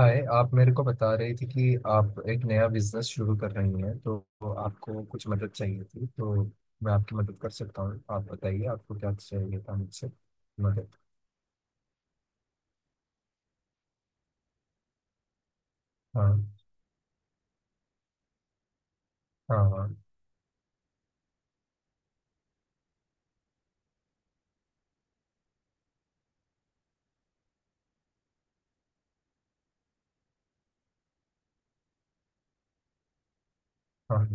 हाय, आप मेरे को बता रही थी कि आप एक नया बिजनेस शुरू कर रही हैं तो आपको कुछ मदद चाहिए थी, तो मैं आपकी मदद कर सकता हूँ। आप बताइए आपको क्या चाहिए था मुझसे। मदद। हाँ। हाँ। हाँ। हाँ।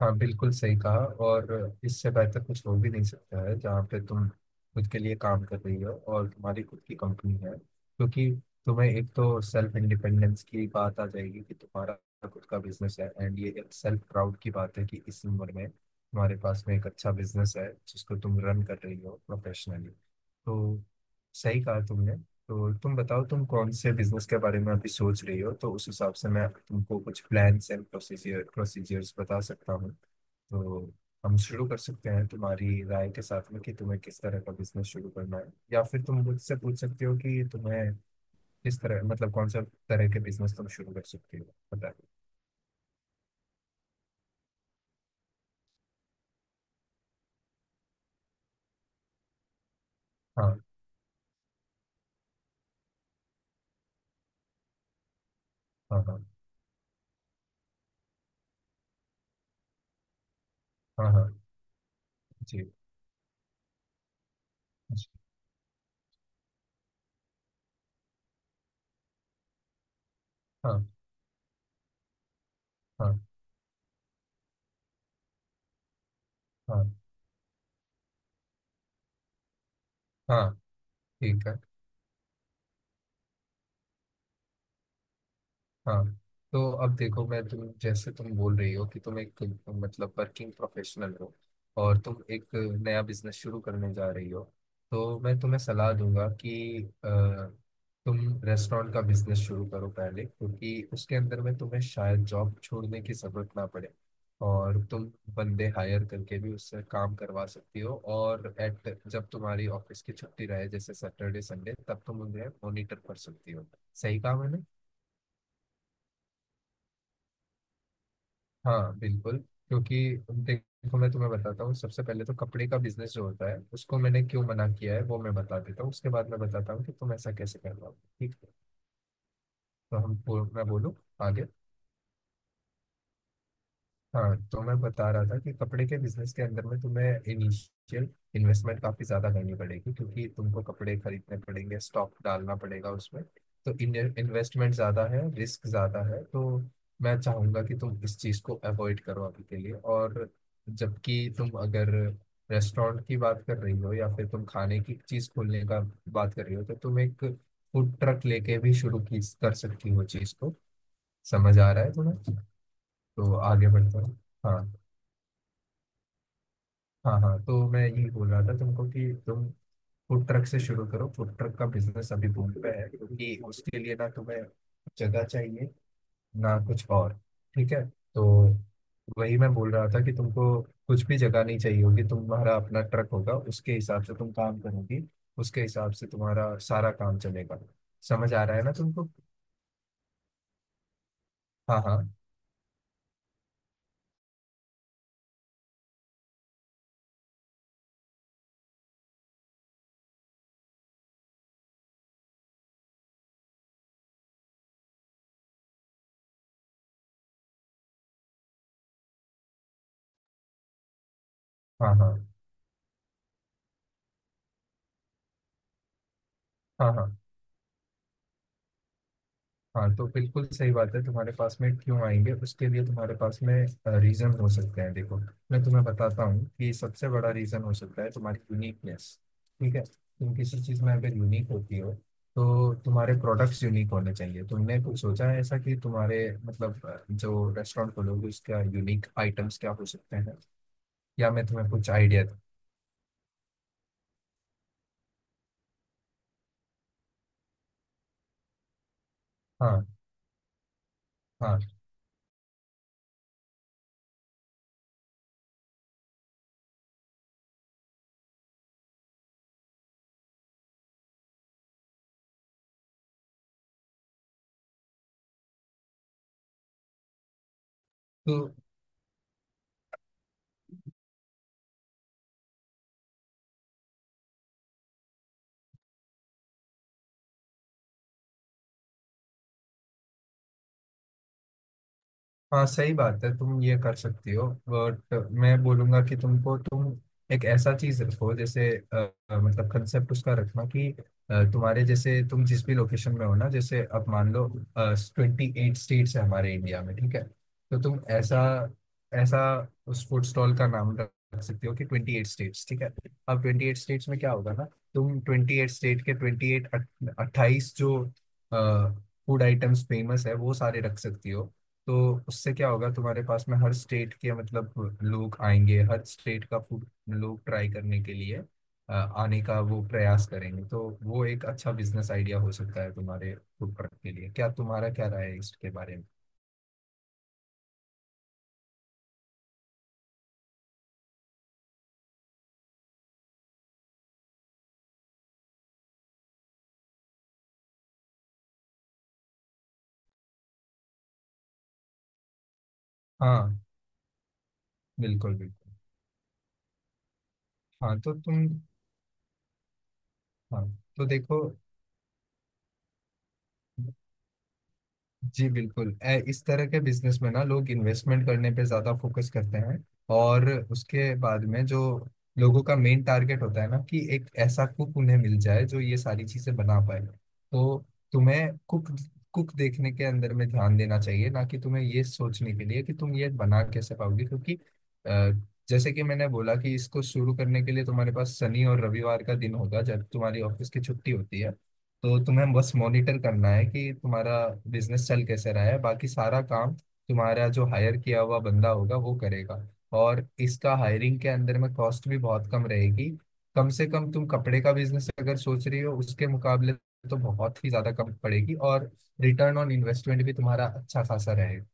हाँ बिल्कुल सही कहा। और इससे बेहतर कुछ हो भी नहीं सकता है जहाँ पे तुम खुद के लिए काम कर रही हो और तुम्हारी खुद की कंपनी है, क्योंकि तुम्हें एक तो सेल्फ इंडिपेंडेंस की बात आ जाएगी कि तुम्हारा खुद का बिजनेस है, एंड ये एक सेल्फ प्राउड की बात है कि इस उम्र में तुम्हारे पास में एक अच्छा बिजनेस है जिसको तुम रन कर रही हो प्रोफेशनली। तो सही कहा तुमने। तो तुम बताओ तुम कौन से बिजनेस के बारे में अभी सोच रही हो, तो उस हिसाब से मैं तुमको कुछ प्लान्स एंड प्रोसीजर्स बता सकता हूँ। तो हम शुरू कर सकते हैं तुम्हारी राय के साथ में कि तुम्हें किस तरह का बिजनेस शुरू करना है, या फिर तुम मुझसे पूछ सकते हो कि तुम्हें किस तरह, मतलब कौन सा तरह के बिजनेस तुम शुरू कर सकते हो। बताइए। हाँ। हाँ। हाँ। हाँ। हाँ जी। जी, हाँ। हाँ। हाँ। हाँ ठीक है। हाँ, तो अब देखो, मैं तुम जैसे तुम बोल रही हो कि तुम एक, मतलब वर्किंग प्रोफेशनल हो, और तुम एक नया बिजनेस शुरू करने जा रही हो, तो मैं तुम्हें सलाह दूंगा कि तुम रेस्टोरेंट का बिजनेस शुरू करो पहले, क्योंकि उसके अंदर में तुम्हें शायद जॉब छोड़ने की जरूरत ना पड़े। और तुम बंदे हायर करके भी उससे काम करवा सकती हो, और एट जब तुम्हारी ऑफिस की छुट्टी रहे जैसे सैटरडे संडे, तब तुम उन्हें मॉनिटर कर सकती हो। सही काम है ना। हाँ बिल्कुल। क्योंकि देखो, मैं तुम्हें बताता हूँ, सबसे पहले तो कपड़े का बिजनेस जो होता है उसको मैंने क्यों मना किया है वो मैं बता देता हूँ, उसके बाद मैं बताता हूँ कि तुम ऐसा कैसे कर रहा हो। ठीक है। तो हम मैं बोलूँ आगे। हाँ, तो मैं बता रहा था कि कपड़े के बिजनेस के अंदर में तुम्हें इनिशियल इन्वेस्टमेंट काफी ज्यादा करनी पड़ेगी, क्योंकि तुमको कपड़े खरीदने पड़ेंगे, स्टॉक डालना पड़ेगा उसमें। तो इन्वेस्टमेंट ज्यादा है, रिस्क ज्यादा है। तो मैं चाहूंगा कि तुम इस चीज को अवॉइड करो अभी के लिए, और जबकि तुम अगर रेस्टोरेंट की बात कर रही हो या फिर तुम खाने की चीज खोलने का बात कर रही हो, तो तुम एक फूड ट्रक लेके भी शुरू की कर सकती हो चीज को। समझ आ रहा है तुम्हें। तो आगे बढ़ता हूँ। हाँ। हाँ। हाँ, तो मैं ये बोल रहा था तुमको कि तुम फूड ट्रक से शुरू करो। फूड ट्रक का बिजनेस अभी बूम पे है, क्योंकि उसके लिए ना तुम्हें जगह चाहिए ना कुछ और। ठीक है। तो वही मैं बोल रहा था कि तुमको कुछ भी जगह नहीं चाहिए होगी, तुम्हारा अपना ट्रक होगा, उसके हिसाब से तुम काम करोगी, उसके हिसाब से तुम्हारा सारा काम चलेगा। समझ आ रहा है ना तुमको। हाँ। हाँ। हाँ। हाँ। हाँ। हाँ। हाँ, तो बिल्कुल सही बात है, तुम्हारे पास में क्यों आएंगे, उसके लिए तुम्हारे पास में रीजन हो सकते हैं। देखो, मैं तुम्हें बताता हूँ कि सबसे बड़ा रीजन हो सकता है तुम्हारी यूनिकनेस। ठीक है, तुम किसी चीज में अगर यूनिक होती हो तो तुम्हारे प्रोडक्ट्स यूनिक होने चाहिए। तुमने कुछ सोचा है ऐसा कि तुम्हारे, मतलब जो रेस्टोरेंट खोलोगे उसका यूनिक आइटम्स क्या हो सकते हैं, या मैं तुम्हें कुछ आइडिया दूँ। हाँ। हाँ तो, हाँ सही बात है, तुम ये कर सकती हो, बट मैं बोलूंगा कि तुमको तुम एक ऐसा चीज रखो जैसे मतलब कंसेप्ट उसका रखना कि तुम्हारे जैसे तुम जिस भी लोकेशन में हो ना, जैसे अब मान लो 28 स्टेट्स है हमारे इंडिया में। ठीक है। तो तुम ऐसा ऐसा उस फूड स्टॉल का नाम रख सकती हो कि 28 स्टेट्स। ठीक है। अब 28 स्टेट्स में क्या होगा ना, तुम 28 स्टेट के 28 28 जो फूड आइटम्स फेमस है वो सारे रख सकती हो। तो उससे क्या होगा, तुम्हारे पास में हर स्टेट के, मतलब लोग आएंगे, हर स्टेट का फूड लोग ट्राई करने के लिए, आने का वो प्रयास करेंगे। तो वो एक अच्छा बिजनेस आइडिया हो सकता है तुम्हारे फूड ट्रक के लिए। क्या तुम्हारा, क्या राय है इसके बारे में। हाँ बिल्कुल बिल्कुल। हाँ तो तुम हाँ तो देखो जी, बिल्कुल इस तरह के बिजनेस में ना लोग इन्वेस्टमेंट करने पे ज्यादा फोकस करते हैं, और उसके बाद में जो लोगों का मेन टारगेट होता है ना, कि एक ऐसा कुक उन्हें मिल जाए जो ये सारी चीजें बना पाए। तो तुम्हें कुक कुक देखने के अंदर में ध्यान देना चाहिए ना, कि तुम्हें ये सोचने के लिए कि तुम ये बना कैसे पाओगे, क्योंकि अ, जैसे कि मैंने बोला कि इसको शुरू करने के लिए तुम्हारे पास शनि और रविवार का दिन होगा जब तुम्हारी ऑफिस की छुट्टी होती है। तो तुम्हें बस मॉनिटर करना है कि तुम्हारा बिजनेस चल कैसे रहा है, बाकी सारा काम तुम्हारा जो हायर किया हुआ बंदा होगा वो करेगा। और इसका हायरिंग के अंदर में कॉस्ट भी बहुत कम रहेगी, कम से कम तुम कपड़े का बिजनेस अगर सोच रही हो उसके मुकाबले तो बहुत ही ज्यादा कम पड़ेगी। और रिटर्न ऑन इन्वेस्टमेंट भी तुम्हारा अच्छा खासा रहेगा।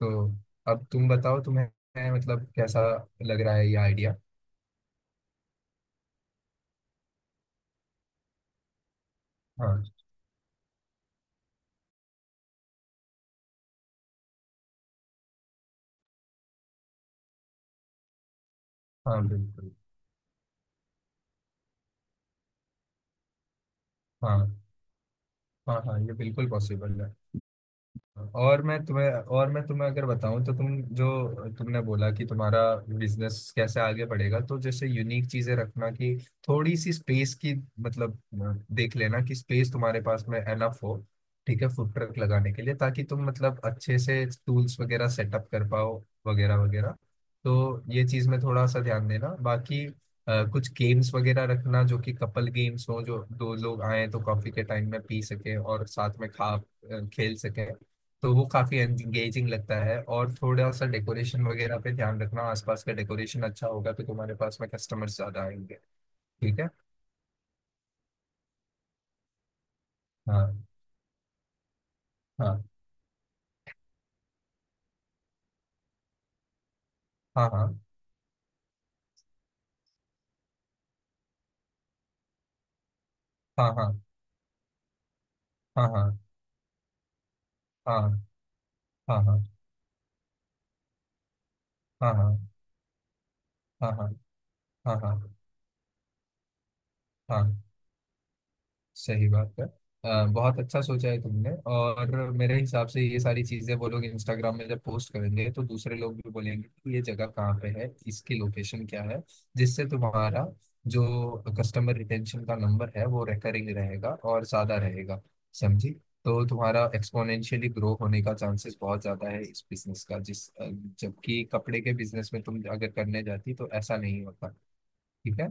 तो अब तुम बताओ तुम्हें, मतलब कैसा लग रहा है ये आइडिया। हाँ। हाँ बिल्कुल। हाँ। हाँ। हाँ ये बिल्कुल पॉसिबल है। और मैं तुम्हें अगर बताऊं तो तुम जो, तुमने बोला कि तुम्हारा बिजनेस कैसे आगे बढ़ेगा, तो जैसे यूनिक चीजें रखना, कि थोड़ी सी स्पेस की, मतलब देख लेना कि स्पेस तुम्हारे पास में एनफ हो। ठीक है, फूड ट्रक लगाने के लिए, ताकि तुम मतलब अच्छे से टूल्स वगैरह सेटअप कर पाओ, वगैरह वगैरह। तो ये चीज में थोड़ा सा ध्यान देना, बाकी कुछ गेम्स वगैरह रखना, जो कि कपल गेम्स हो, जो दो लोग आए तो कॉफी के टाइम में पी सके और साथ में खेल सके। तो वो काफी एंगेजिंग लगता है। और थोड़ा सा डेकोरेशन वगैरह पे ध्यान रखना, आसपास का डेकोरेशन अच्छा होगा तो तुम्हारे पास में कस्टमर्स ज्यादा आएंगे। ठीक है। हाँ। हाँ। हाँ। हाँ। हाँ। हाँ। हाँ। हाँ। हाँ। हाँ। हाँ। हाँ। हाँ। हाँ। हाँ। हाँ। हाँ। हाँ सही बात है। बहुत अच्छा सोचा है तुमने। और मेरे हिसाब से ये सारी चीजें वो लोग इंस्टाग्राम में जब पोस्ट करेंगे तो दूसरे लोग भी बोलेंगे कि ये जगह कहाँ पे है, इसकी लोकेशन क्या है, जिससे तुम्हारा जो कस्टमर रिटेंशन का नंबर है वो रिकरिंग रहेगा और ज्यादा रहेगा। समझी। तो तुम्हारा एक्सपोनेंशियली ग्रो होने का चांसेस बहुत ज्यादा है इस बिजनेस का, जिस जबकि कपड़े के बिजनेस में तुम अगर करने जाती तो ऐसा नहीं होता। ठीक है।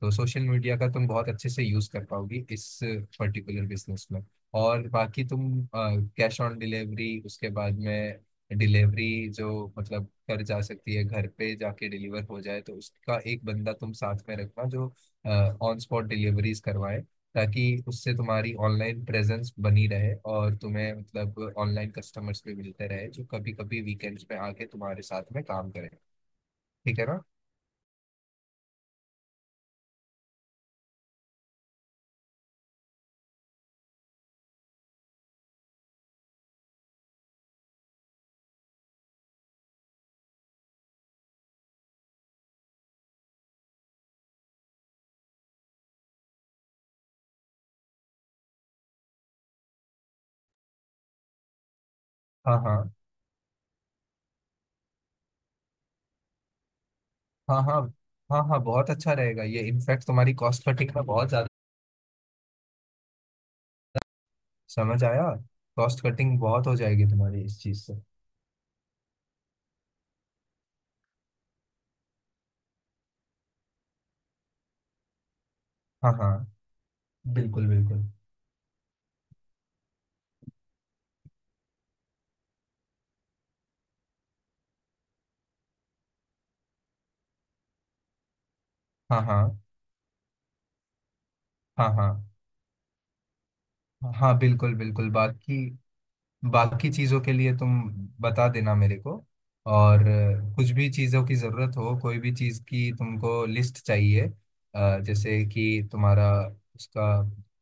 तो सोशल मीडिया का तुम बहुत अच्छे से यूज कर पाओगी इस पर्टिकुलर बिजनेस में। और बाकी तुम कैश ऑन डिलीवरी उसके बाद में, डिलीवरी जो मतलब कर जा सकती है, घर पे जाके डिलीवर हो जाए, तो उसका एक बंदा तुम साथ में रखना जो ऑन स्पॉट डिलीवरीज करवाए, ताकि उससे तुम्हारी ऑनलाइन प्रेजेंस बनी रहे और तुम्हें मतलब ऑनलाइन कस्टमर्स भी मिलते रहे जो कभी कभी वीकेंड्स पे आके तुम्हारे साथ में काम करें। ठीक है ना। हाँ। हाँ। हाँ। हाँ। हाँ। हाँ बहुत अच्छा रहेगा ये, इनफैक्ट तुम्हारी कॉस्ट कटिंग में बहुत ज्यादा, समझ आया, कॉस्ट कटिंग बहुत हो जाएगी तुम्हारी इस चीज से। हाँ। हाँ बिल्कुल बिल्कुल। हाँ। हाँ। हाँ। हाँ। हाँ बिल्कुल बिल्कुल। बाकी बाकी चीज़ों के लिए तुम बता देना मेरे को। और कुछ भी चीज़ों की ज़रूरत हो, कोई भी चीज़ की तुमको लिस्ट चाहिए, जैसे कि तुम्हारा उसका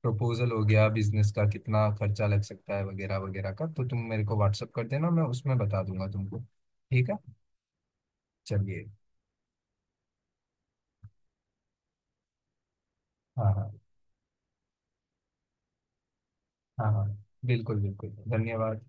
प्रपोजल हो गया बिजनेस का, कितना खर्चा लग सकता है वगैरह वगैरह का, तो तुम मेरे को व्हाट्सअप कर देना मैं उसमें बता दूंगा तुमको। ठीक है। चलिए। हाँ। हाँ। हाँ। हाँ बिल्कुल बिल्कुल। धन्यवाद।